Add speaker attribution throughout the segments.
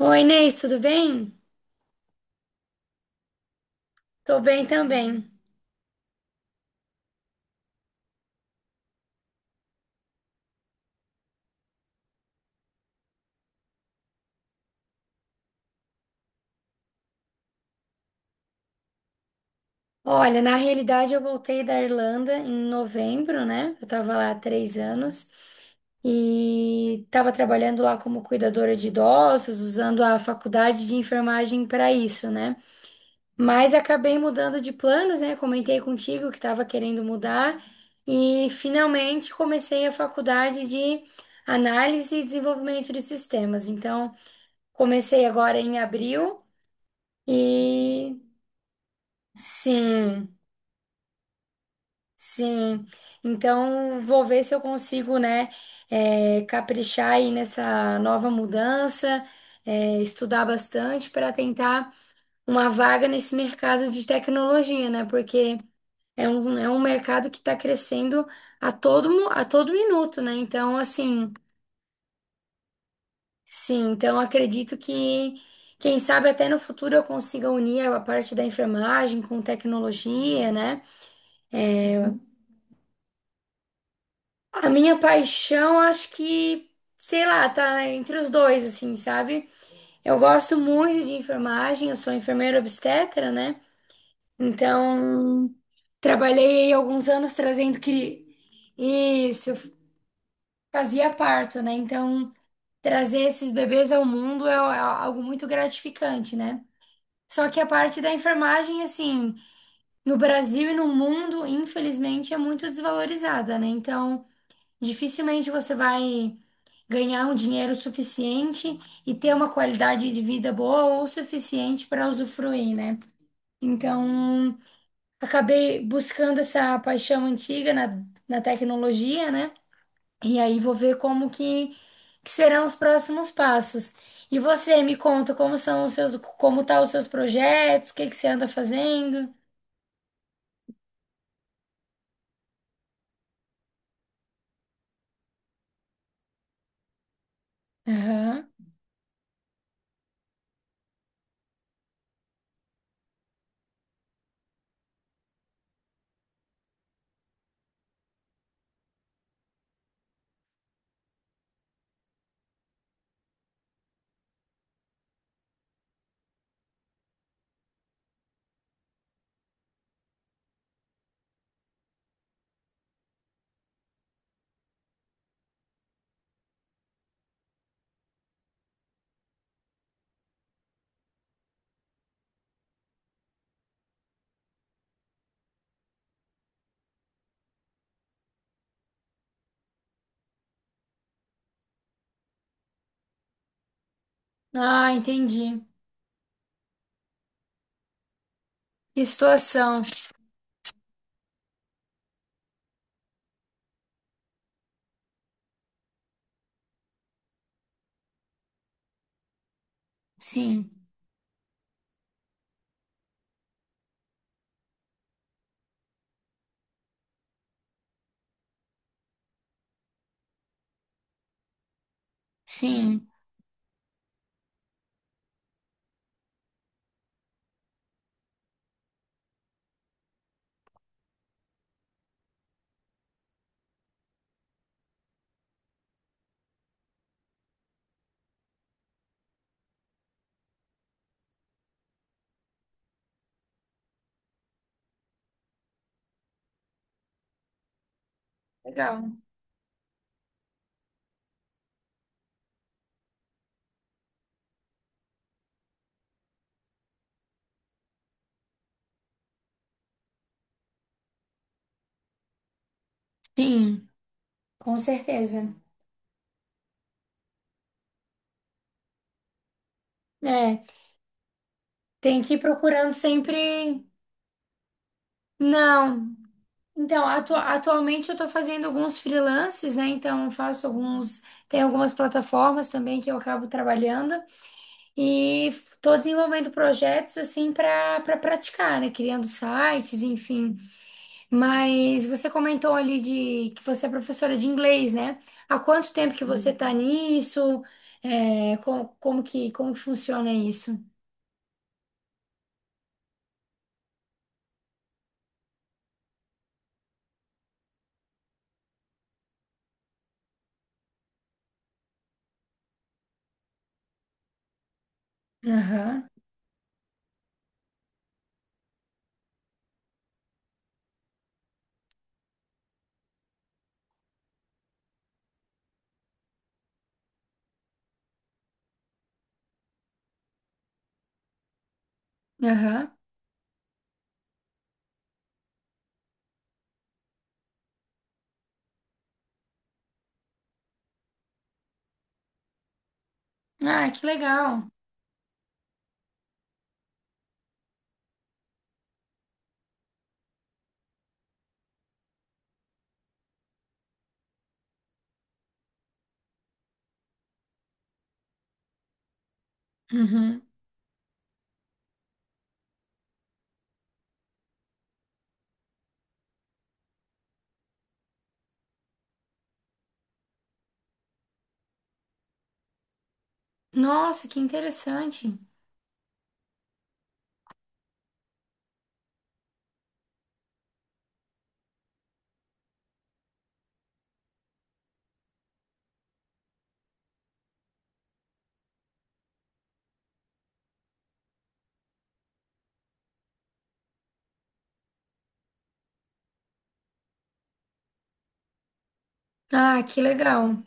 Speaker 1: Oi, Inês, tudo bem? Tô bem também. Olha, na realidade eu voltei da Irlanda em novembro, né? Eu tava lá há três anos e tava trabalhando lá como cuidadora de idosos, usando a faculdade de enfermagem para isso, né? Mas acabei mudando de planos, né? Comentei contigo que estava querendo mudar e finalmente comecei a faculdade de análise e desenvolvimento de sistemas. Então, comecei agora em abril. E sim, sim. Então, vou ver se eu consigo, né, caprichar aí nessa nova mudança, estudar bastante para tentar uma vaga nesse mercado de tecnologia, né? Porque é um mercado que está crescendo a todo, a todo minuto, né? Então, assim, sim, então acredito que, quem sabe até no futuro eu consiga unir a parte da enfermagem com tecnologia, né? A minha paixão, acho que, sei lá, tá entre os dois, assim, sabe? Eu gosto muito de enfermagem, eu sou enfermeira obstetra, né? Então, trabalhei aí alguns anos trazendo cri... Isso, eu fazia parto, né? Então, trazer esses bebês ao mundo é algo muito gratificante, né? Só que a parte da enfermagem, assim, no Brasil e no mundo, infelizmente, é muito desvalorizada, né? Então, dificilmente você vai ganhar um dinheiro suficiente e ter uma qualidade de vida boa ou suficiente para usufruir, né? Então, acabei buscando essa paixão antiga na tecnologia, né? E aí vou ver como que serão os próximos passos. E você me conta como são os seus, como tá os seus projetos, o que que você anda fazendo? Aham. Ah, entendi. Que situação. Sim, sim. Legal. Sim, com certeza. É, tem que ir procurando sempre. Não. Então, atualmente eu estou fazendo alguns freelances, né? Então, eu faço alguns. Tem algumas plataformas também que eu acabo trabalhando e estou desenvolvendo projetos assim para praticar, né? Criando sites, enfim. Mas você comentou ali de que você é professora de inglês, né? Há quanto tempo que você está nisso? É, como que funciona isso? Aham. Aham. Ah, que legal. Uhum. Nossa, que interessante. Ah, que legal.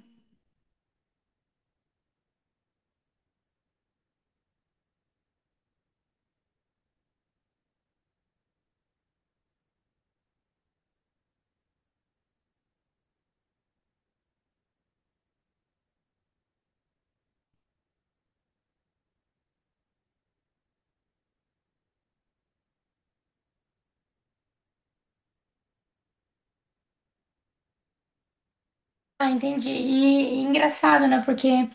Speaker 1: Ah, entendi. E engraçado, né? Porque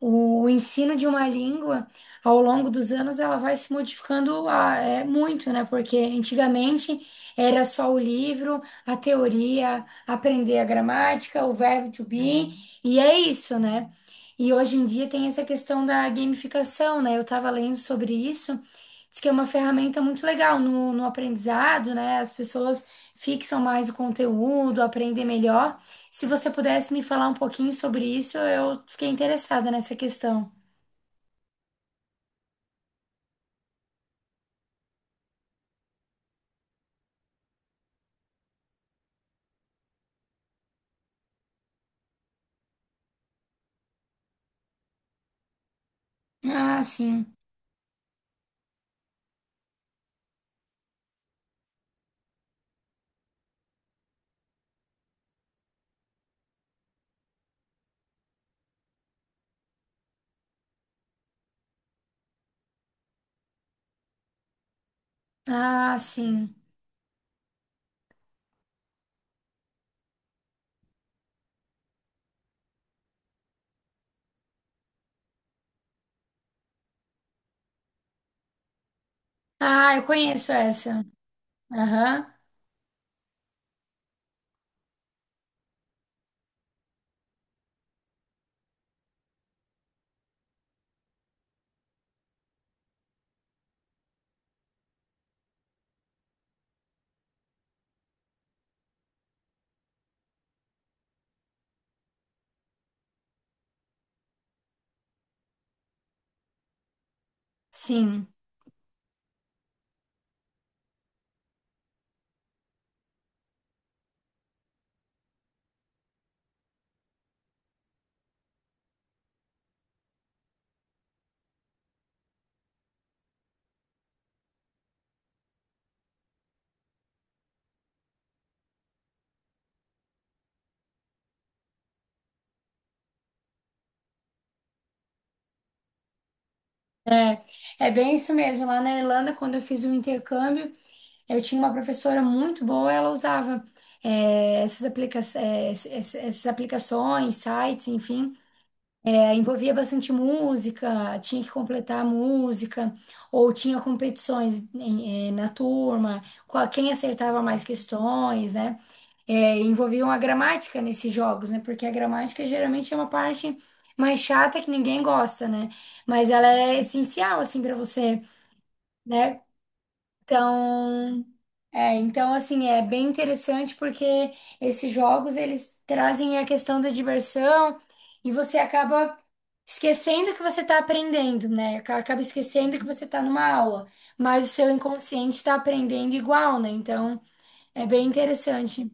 Speaker 1: o ensino de uma língua, ao longo dos anos, ela vai se modificando ah, é, muito, né? Porque antigamente era só o livro, a teoria, aprender a gramática, o verbo to be, e é isso, né? E hoje em dia tem essa questão da gamificação, né? Eu estava lendo sobre isso, diz que é uma ferramenta muito legal no aprendizado, né? As pessoas fixam mais o conteúdo, aprendem melhor. Se você pudesse me falar um pouquinho sobre isso, eu fiquei interessada nessa questão. Ah, sim. Ah, sim. Ah, eu conheço essa. Aham, sim. É bem isso mesmo. Lá na Irlanda, quando eu fiz o intercâmbio, eu tinha uma professora muito boa, ela usava eh, essas aplica eh, ess- ess- essas aplicações, sites, enfim. É, envolvia bastante música, tinha que completar a música, ou tinha competições na turma, quem acertava mais questões, né? É, envolviam a gramática nesses jogos, né? Porque a gramática geralmente é uma parte mais chata que ninguém gosta, né? Mas ela é essencial, assim, para você, né? Então, então assim, é bem interessante porque esses jogos eles trazem a questão da diversão e você acaba esquecendo que você está aprendendo, né? Acaba esquecendo que você está numa aula, mas o seu inconsciente está aprendendo igual, né? Então, é bem interessante.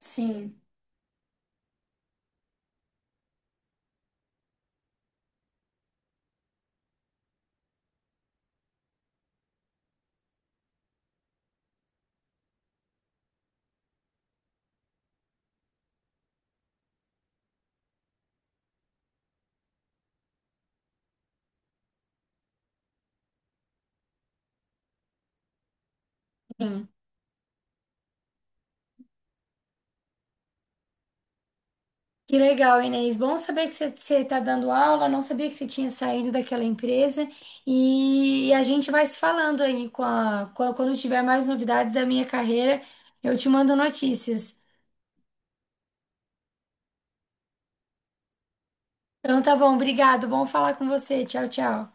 Speaker 1: Sim. Que legal, Inês. Bom saber que você está dando aula. Não sabia que você tinha saído daquela empresa. E, a gente vai se falando aí quando tiver mais novidades da minha carreira, eu te mando notícias. Então tá bom, obrigado. Bom falar com você. Tchau, tchau.